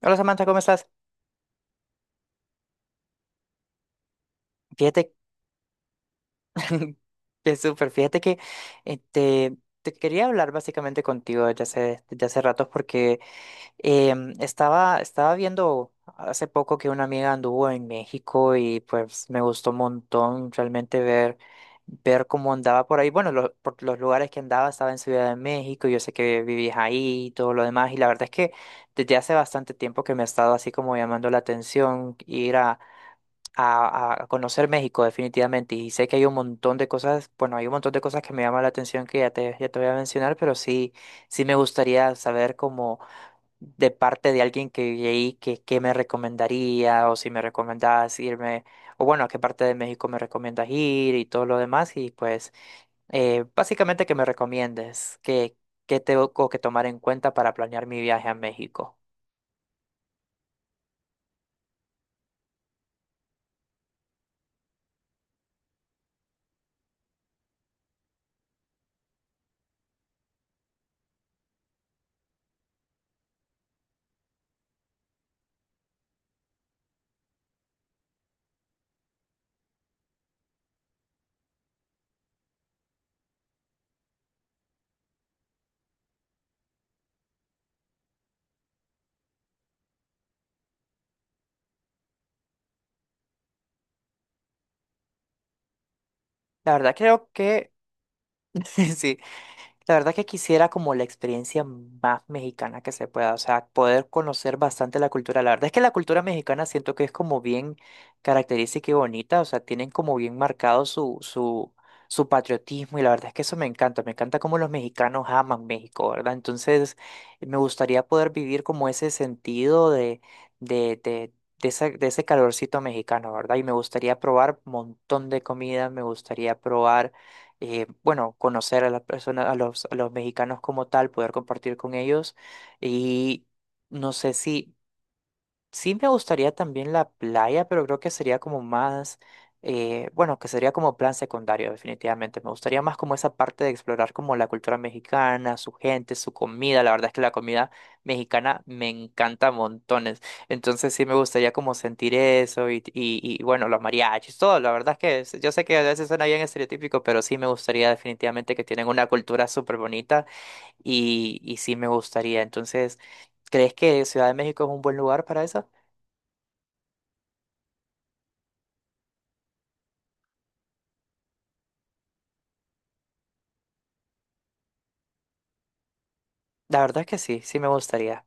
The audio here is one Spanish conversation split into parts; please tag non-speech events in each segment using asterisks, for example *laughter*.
Hola Samantha, ¿cómo estás? Fíjate, *laughs* que súper, fíjate que eh, te, te quería hablar básicamente contigo desde hace ratos porque estaba viendo hace poco que una amiga anduvo en México y pues me gustó un montón realmente ver cómo andaba por ahí. Bueno, por los lugares que andaba, estaba en Ciudad de México, yo sé que vivías ahí y todo lo demás, y la verdad es que desde hace bastante tiempo que me ha estado así como llamando la atención ir conocer México definitivamente, y sé que hay un montón de cosas, bueno, hay un montón de cosas que me llaman la atención que ya ya te voy a mencionar, pero sí, sí me gustaría saber como de parte de alguien que vive ahí, qué me recomendaría o si me recomendás irme, o bueno, a qué parte de México me recomiendas ir y todo lo demás, y pues básicamente que me recomiendes, que tengo que tomar en cuenta para planear mi viaje a México. La verdad creo que... *laughs* Sí, la verdad que quisiera como la experiencia más mexicana que se pueda, o sea, poder conocer bastante la cultura. La verdad es que la cultura mexicana siento que es como bien característica y bonita, o sea, tienen como bien marcado su patriotismo y la verdad es que eso me encanta cómo los mexicanos aman México, ¿verdad? Entonces, me gustaría poder vivir como ese sentido de, de, de de ese calorcito mexicano, ¿verdad? Y me gustaría probar un montón de comida, me gustaría probar bueno, conocer a las personas, a los mexicanos como tal, poder compartir con ellos. Y no sé si sí me gustaría también la playa, pero creo que sería como más, bueno, que sería como plan secundario, definitivamente. Me gustaría más como esa parte de explorar como la cultura mexicana, su gente, su comida. La verdad es que la comida mexicana me encanta montones. Entonces sí me gustaría como sentir eso bueno, los mariachis, todo. La verdad es que yo sé que a veces suena bien estereotípico, pero sí me gustaría definitivamente que tienen una cultura súper bonita, y sí me gustaría. Entonces, ¿crees que Ciudad de México es un buen lugar para eso? La verdad que sí, sí me gustaría.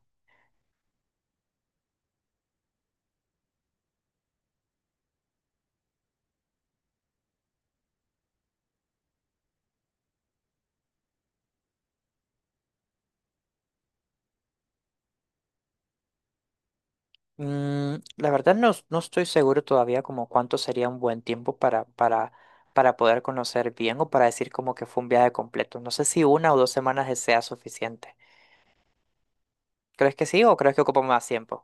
Mm, la verdad no, no estoy seguro todavía como cuánto sería un buen tiempo para poder conocer bien o para decir como que fue un viaje completo. No sé si una o dos semanas sea suficiente. ¿Crees que sí o crees que ocupa más tiempo?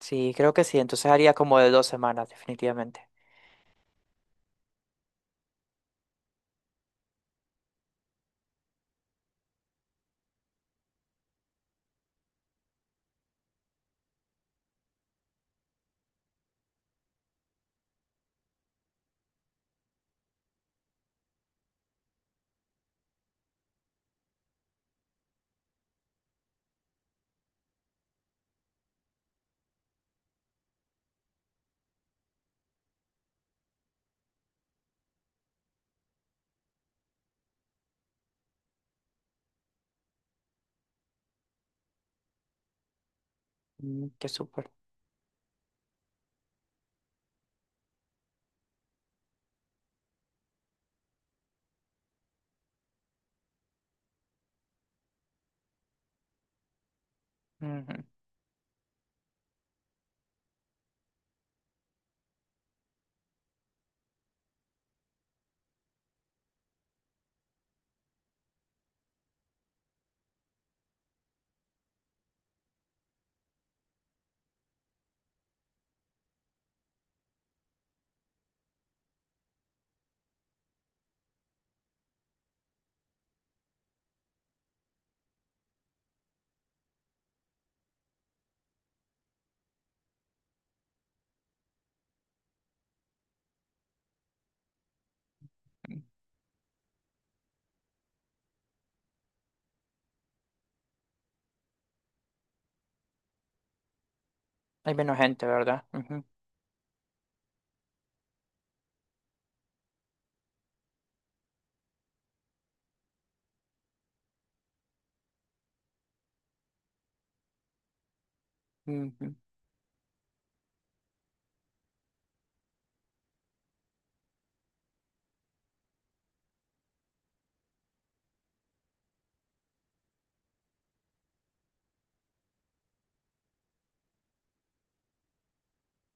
Sí, creo que sí. Entonces haría como de dos semanas, definitivamente. Mm, qué súper. Ujú. Hay menos gente, ¿verdad? Ujú, ujú.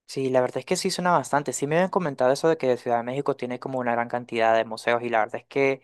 Sí, la verdad es que sí suena bastante. Sí me habían comentado eso de que Ciudad de México tiene como una gran cantidad de museos, y la verdad es que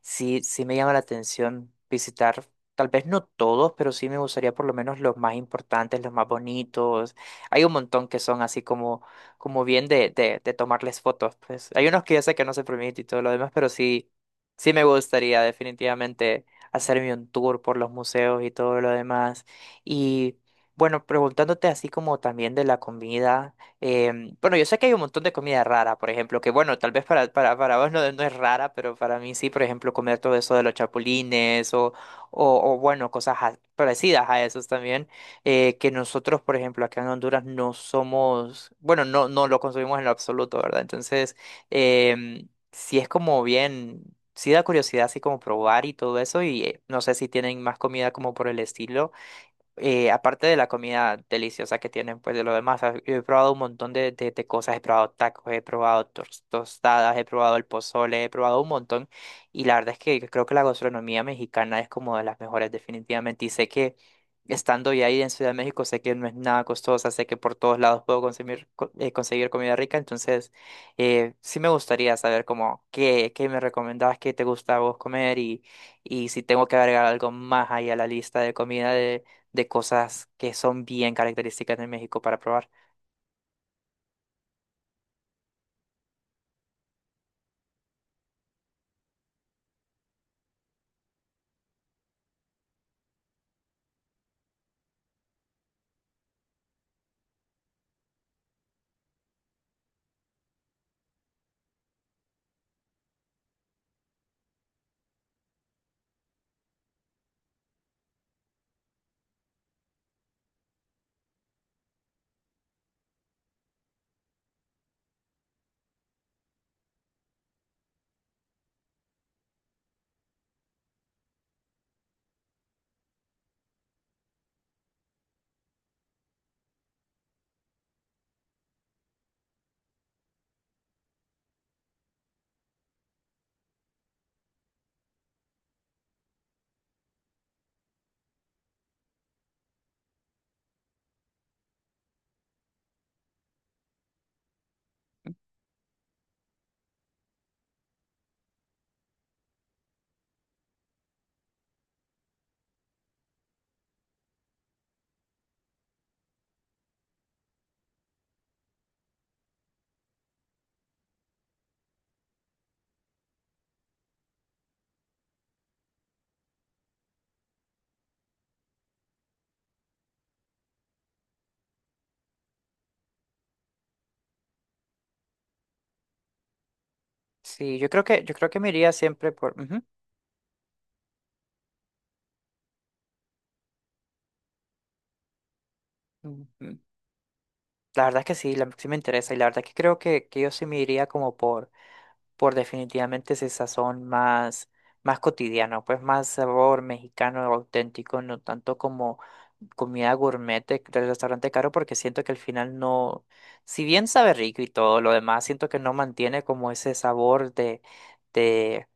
sí, sí me llama la atención visitar, tal vez no todos, pero sí me gustaría por lo menos los más importantes, los más bonitos. Hay un montón que son así como, como bien de tomarles fotos, pues. Hay unos que yo sé que no se permite y todo lo demás, pero sí, sí me gustaría definitivamente hacerme un tour por los museos y todo lo demás. Y bueno, preguntándote así como también de la comida. Bueno, yo sé que hay un montón de comida rara, por ejemplo, que bueno, tal vez para vos no, no es rara, pero para mí sí, por ejemplo, comer todo eso de los chapulines bueno, cosas parecidas a esos también, que nosotros, por ejemplo, acá en Honduras no somos, bueno, no, no lo consumimos en lo absoluto, ¿verdad? Entonces, sí es como bien, sí da curiosidad así como probar y todo eso, y no sé si tienen más comida como por el estilo, aparte de la comida deliciosa que tienen, pues. De lo demás, ah, yo he probado un montón de cosas, he probado tacos, he probado tostadas, he probado el pozole, he probado un montón, y la verdad es que creo que la gastronomía mexicana es como de las mejores definitivamente, y sé que estando ya ahí en Ciudad de México, sé que no es nada costosa, sé que por todos lados puedo consumir, conseguir comida rica. Entonces sí me gustaría saber como qué, qué me recomendabas, qué te gusta a vos comer y... y si tengo que agregar algo más ahí a la lista de comida, de cosas que son bien características de México para probar. Sí, yo creo que me iría siempre por... ujú, ujú. La verdad es que sí, la, sí me interesa y la verdad es que creo que yo sí me iría como por definitivamente ese sazón más, más cotidiano, pues más sabor mexicano auténtico, no tanto como comida gourmet del restaurante caro, porque siento que al final no, si bien sabe rico y todo lo demás, siento que no mantiene como ese sabor de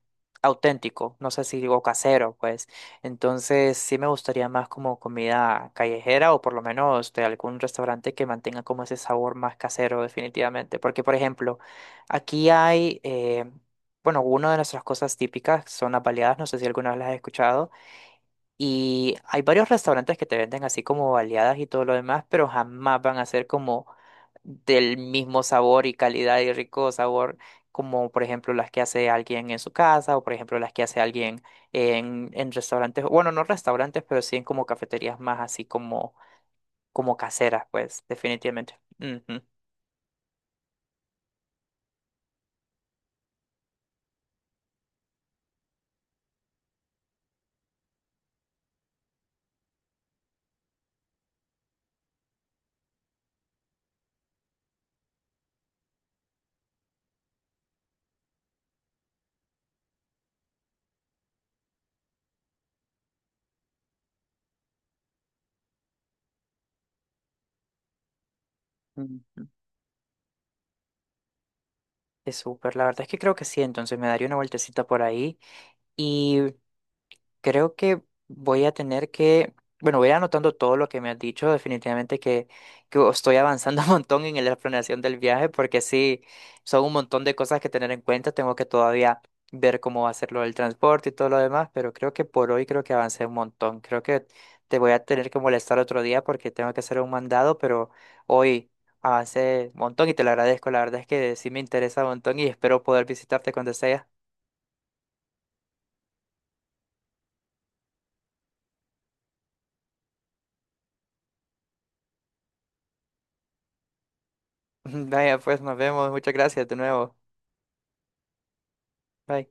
auténtico, no sé si digo casero, pues. Entonces sí me gustaría más como comida callejera o por lo menos de algún restaurante que mantenga como ese sabor más casero definitivamente. Porque, por ejemplo, aquí hay, bueno, una de nuestras cosas típicas son las baleadas, no sé si alguna vez las has escuchado, y hay varios restaurantes que te venden así como baleadas y todo lo demás, pero jamás van a ser como del mismo sabor y calidad y rico sabor como por ejemplo las que hace alguien en su casa, o por ejemplo las que hace alguien en restaurantes, bueno, no restaurantes, pero sí en como cafeterías más así como, como caseras, pues definitivamente. Ujú. Mm. Es súper, la verdad es que creo que sí, entonces me daría una vueltecita por ahí. Creo que voy a tener que, bueno, voy anotando todo lo que me has dicho, definitivamente, que estoy avanzando *laughs* un montón en la planeación del viaje, porque sí, son un montón de cosas que tener en cuenta, tengo que todavía ver cómo va a ser lo del transporte y todo lo demás, pero creo que por hoy creo que avancé un montón, creo que te voy a tener que molestar otro día porque tengo que hacer un mandado, pero hoy avancé un montón y te lo agradezco, la verdad es que sí me interesa un montón y espero poder visitarte cuando sea. *laughs* Vaya, pues nos vemos, muchas gracias de nuevo. Bye.